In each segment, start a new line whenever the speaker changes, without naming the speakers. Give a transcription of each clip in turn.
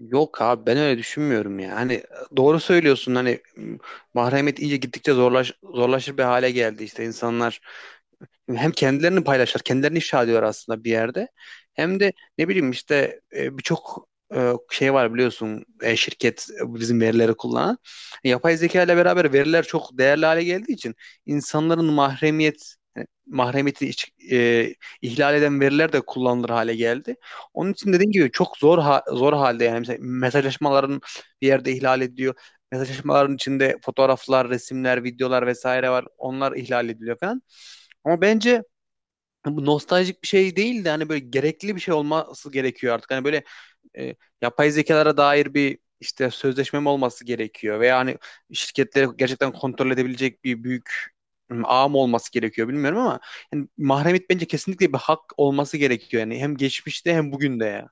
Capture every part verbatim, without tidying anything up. Yok abi ben öyle düşünmüyorum ya. Hani doğru söylüyorsun hani m, mahremiyet iyice gittikçe zorlaş, zorlaşır bir hale geldi. İşte insanlar hem kendilerini paylaşır, kendilerini ifşa ediyor aslında bir yerde. Hem de ne bileyim işte e, birçok e, şey var biliyorsun e, şirket e, bizim verileri kullanan. E, Yapay zeka ile beraber veriler çok değerli hale geldiği için insanların mahremiyet yani mahremiyeti iç- e, ihlal eden veriler de kullanılır hale geldi. Onun için dediğim gibi çok zor ha- zor halde yani mesela mesajlaşmaların bir yerde ihlal ediyor. Mesajlaşmaların içinde fotoğraflar, resimler, videolar vesaire var. Onlar ihlal ediliyor falan. Ama bence bu nostaljik bir şey değil de hani böyle gerekli bir şey olması gerekiyor artık. Hani böyle e, yapay zekalara dair bir işte sözleşme mi olması gerekiyor veya hani şirketleri gerçekten kontrol edebilecek bir büyük m, ağ mı olması gerekiyor bilmiyorum ama yani mahremiyet bence kesinlikle bir hak olması gerekiyor yani hem geçmişte hem bugün de ya.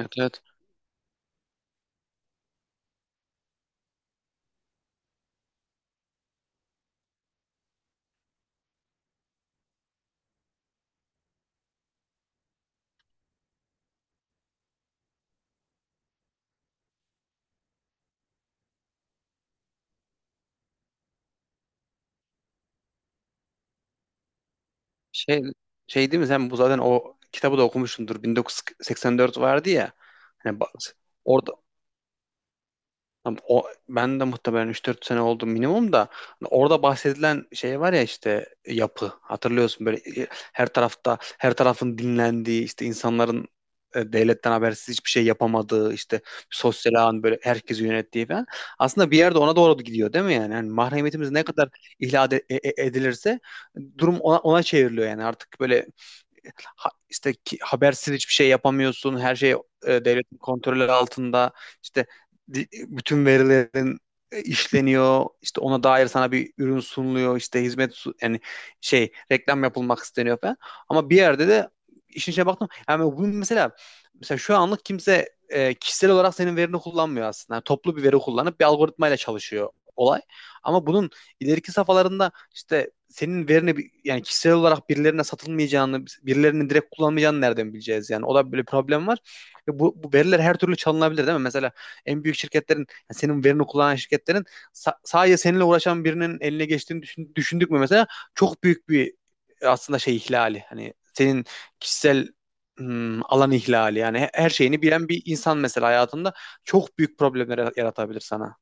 Evet, evet. Şey şey değil mi, sen bu zaten o kitabı da okumuşsundur. bin dokuz yüz seksen dört vardı ya. Hani bak, orada Tam O, ben de muhtemelen üç dört sene oldu minimum da hani orada bahsedilen şey var ya işte yapı hatırlıyorsun böyle e, her tarafta her tarafın dinlendiği işte insanların e, devletten habersiz hiçbir şey yapamadığı işte sosyal ağın böyle herkesi yönettiği falan aslında bir yerde ona doğru gidiyor değil mi? Yani, yani mahremiyetimiz ne kadar ihlal e- e- edilirse durum ona, ona çevriliyor yani artık böyle ha- işte ki- habersiz hiçbir şey yapamıyorsun. Her şey e, devletin kontrolü altında. İşte di- bütün verilerin e, işleniyor. İşte ona dair sana bir ürün sunuluyor. İşte hizmet su- yani şey reklam yapılmak isteniyor falan. Ama bir yerde de işin içine baktım. Yani bu mesela mesela şu anlık kimse e, kişisel olarak senin verini kullanmıyor aslında. Yani toplu bir veri kullanıp bir algoritmayla çalışıyor olay. Ama bunun ileriki safhalarında işte senin verini bi- yani kişisel olarak birilerine satılmayacağını, birilerinin direkt kullanmayacağını nereden bileceğiz yani? O da böyle bir problem var. Ve bu, bu veriler her türlü çalınabilir değil mi? Mesela en büyük şirketlerin, yani senin verini kullanan şirketlerin sa- sadece seninle uğraşan birinin eline geçtiğini düşün- düşündük mü mesela? Çok büyük bir e, aslında şey ihlali. Hani senin kişisel hmm, alan ihlali. Yani he- her şeyini bilen bir insan mesela hayatında çok büyük problemler yaratabilir sana.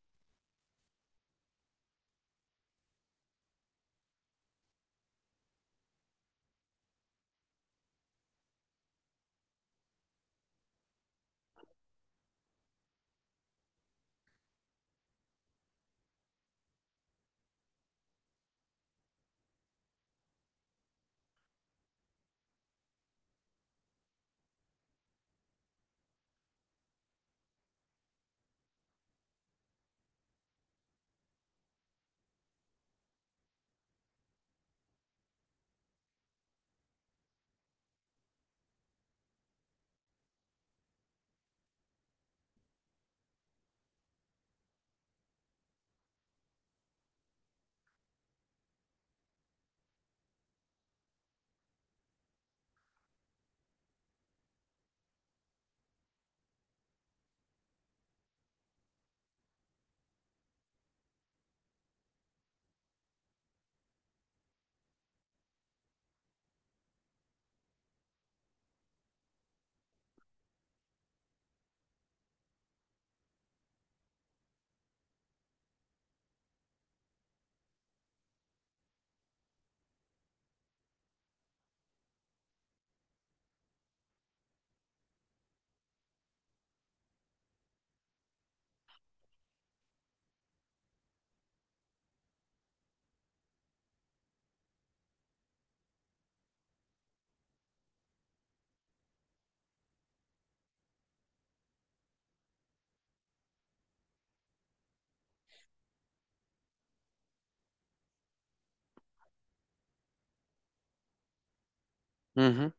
Hı hı.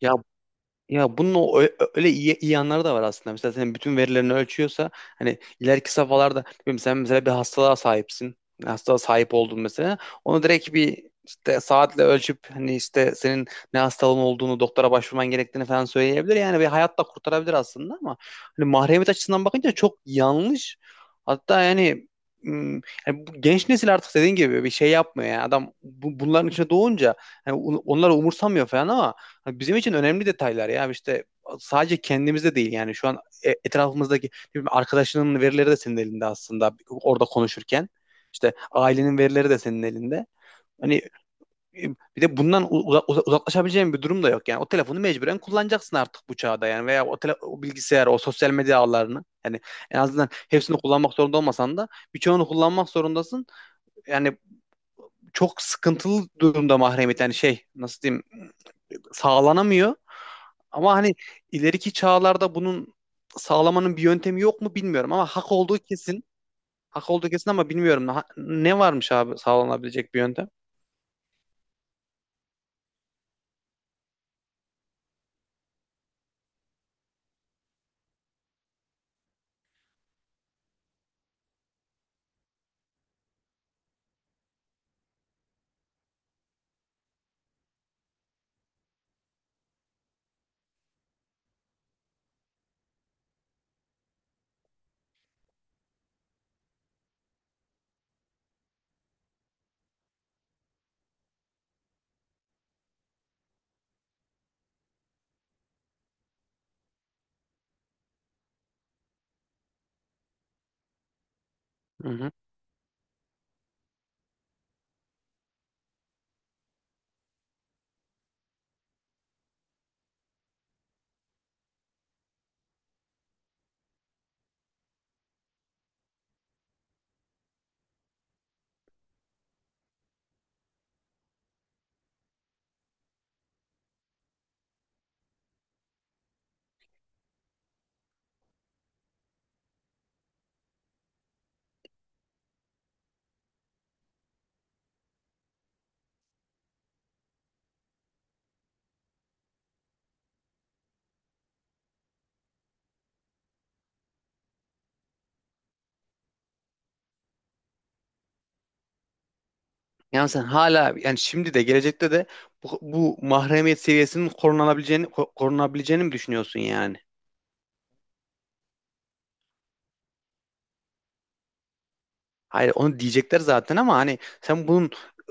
Ya Ya bunun o, ö- öyle iyi, iyi yanları da var aslında. Mesela senin bütün verilerini ölçüyorsa hani ileriki safhalarda bilmiyorum, sen mesela bir hastalığa sahipsin. Hastalığa sahip oldun mesela. Onu direkt bir işte saatle ölçüp hani işte senin ne hastalığın olduğunu, doktora başvurman gerektiğini falan söyleyebilir. Yani bir hayat da kurtarabilir aslında ama hani mahremiyet açısından bakınca çok yanlış. Hatta yani ım, yani bu genç nesil artık dediğin gibi bir şey yapmıyor yani adam bu, bunların içine doğunca yani on- onları umursamıyor falan ama Ha, bizim için önemli detaylar ya işte sadece kendimizde değil yani şu an e- etrafımızdaki ne bileyim, arkadaşının verileri de senin elinde aslında orada konuşurken işte ailenin verileri de senin elinde. Hani e, bir de bundan u- uza- uza- uzaklaşabileceğin bir durum da yok yani o telefonu mecburen kullanacaksın artık bu çağda yani veya o, tele- o bilgisayar, o sosyal medya ağlarını yani en azından hepsini kullanmak zorunda olmasan da birçoğunu kullanmak zorundasın. Yani çok sıkıntılı durumda mahremiyet, yani şey nasıl diyeyim, sağlanamıyor. Ama hani ileriki çağlarda bunun sağlamanın bir yöntemi yok mu bilmiyorum ama hak olduğu kesin. Hak olduğu kesin ama bilmiyorum. Ha- Ne varmış abi sağlanabilecek bir yöntem? Hı hı. Yani sen hala yani şimdi de gelecekte de bu, bu mahremiyet seviyesinin korunabileceğini ko- korunabileceğini mi düşünüyorsun yani? Hayır onu diyecekler zaten ama hani sen bunun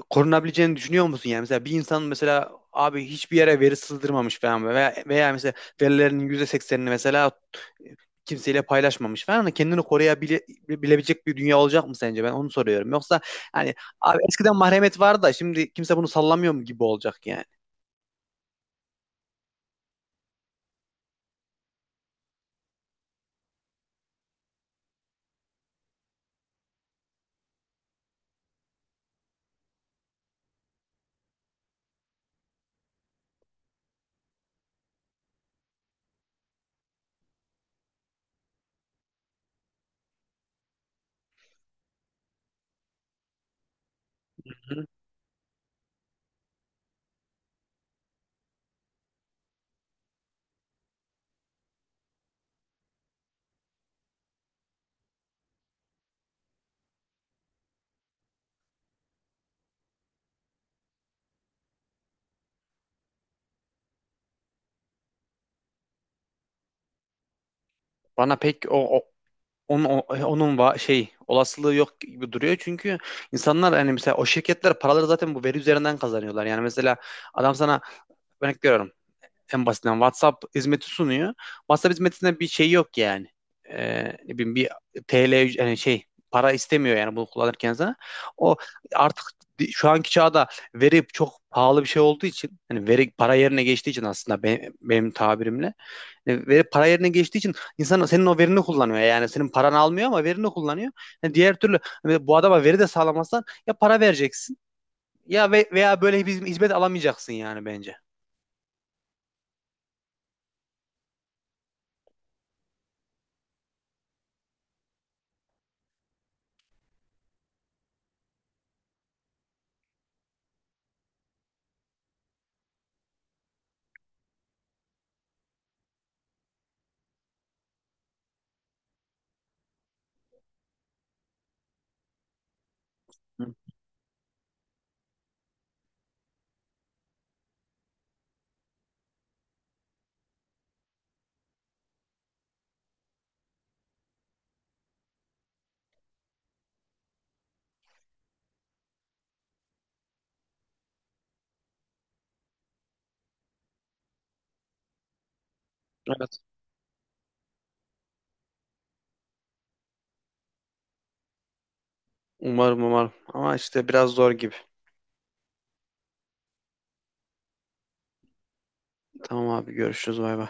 korunabileceğini düşünüyor musun? Yani mesela bir insan mesela abi hiçbir yere veri sızdırmamış falan veya, veya mesela verilerinin yüzde seksenini mesela kimseyle paylaşmamış falan da kendini koruyabilecek bir dünya olacak mı sence? Ben onu soruyorum. Yoksa hani abi eskiden mahremet vardı da şimdi kimse bunu sallamıyor mu gibi olacak yani. Hı. Bana pek o, Onun, onun va- şey olasılığı yok gibi duruyor. Çünkü insanlar hani mesela o şirketler paraları zaten bu veri üzerinden kazanıyorlar. Yani mesela adam sana örnek veriyorum, en basitinden WhatsApp hizmeti sunuyor. WhatsApp hizmetinde bir şey yok yani. Ee, ne bileyim, bir T L üc- yani şey para istemiyor yani bunu kullanırken sana. O artık di- şu anki çağda veri çok pahalı bir şey olduğu için, hani veri para yerine geçtiği için aslında be- benim tabirimle e, veri para yerine geçtiği için insan senin o verini kullanıyor. Yani senin paranı almıyor ama verini kullanıyor. Yani diğer türlü hani bu adama veri de sağlamazsan ya para vereceksin ya ve, veya böyle bir hizmet alamayacaksın yani bence. Hı, evet. Umarım, umarım. Ama işte biraz zor gibi. Tamam abi, görüşürüz, bay bay.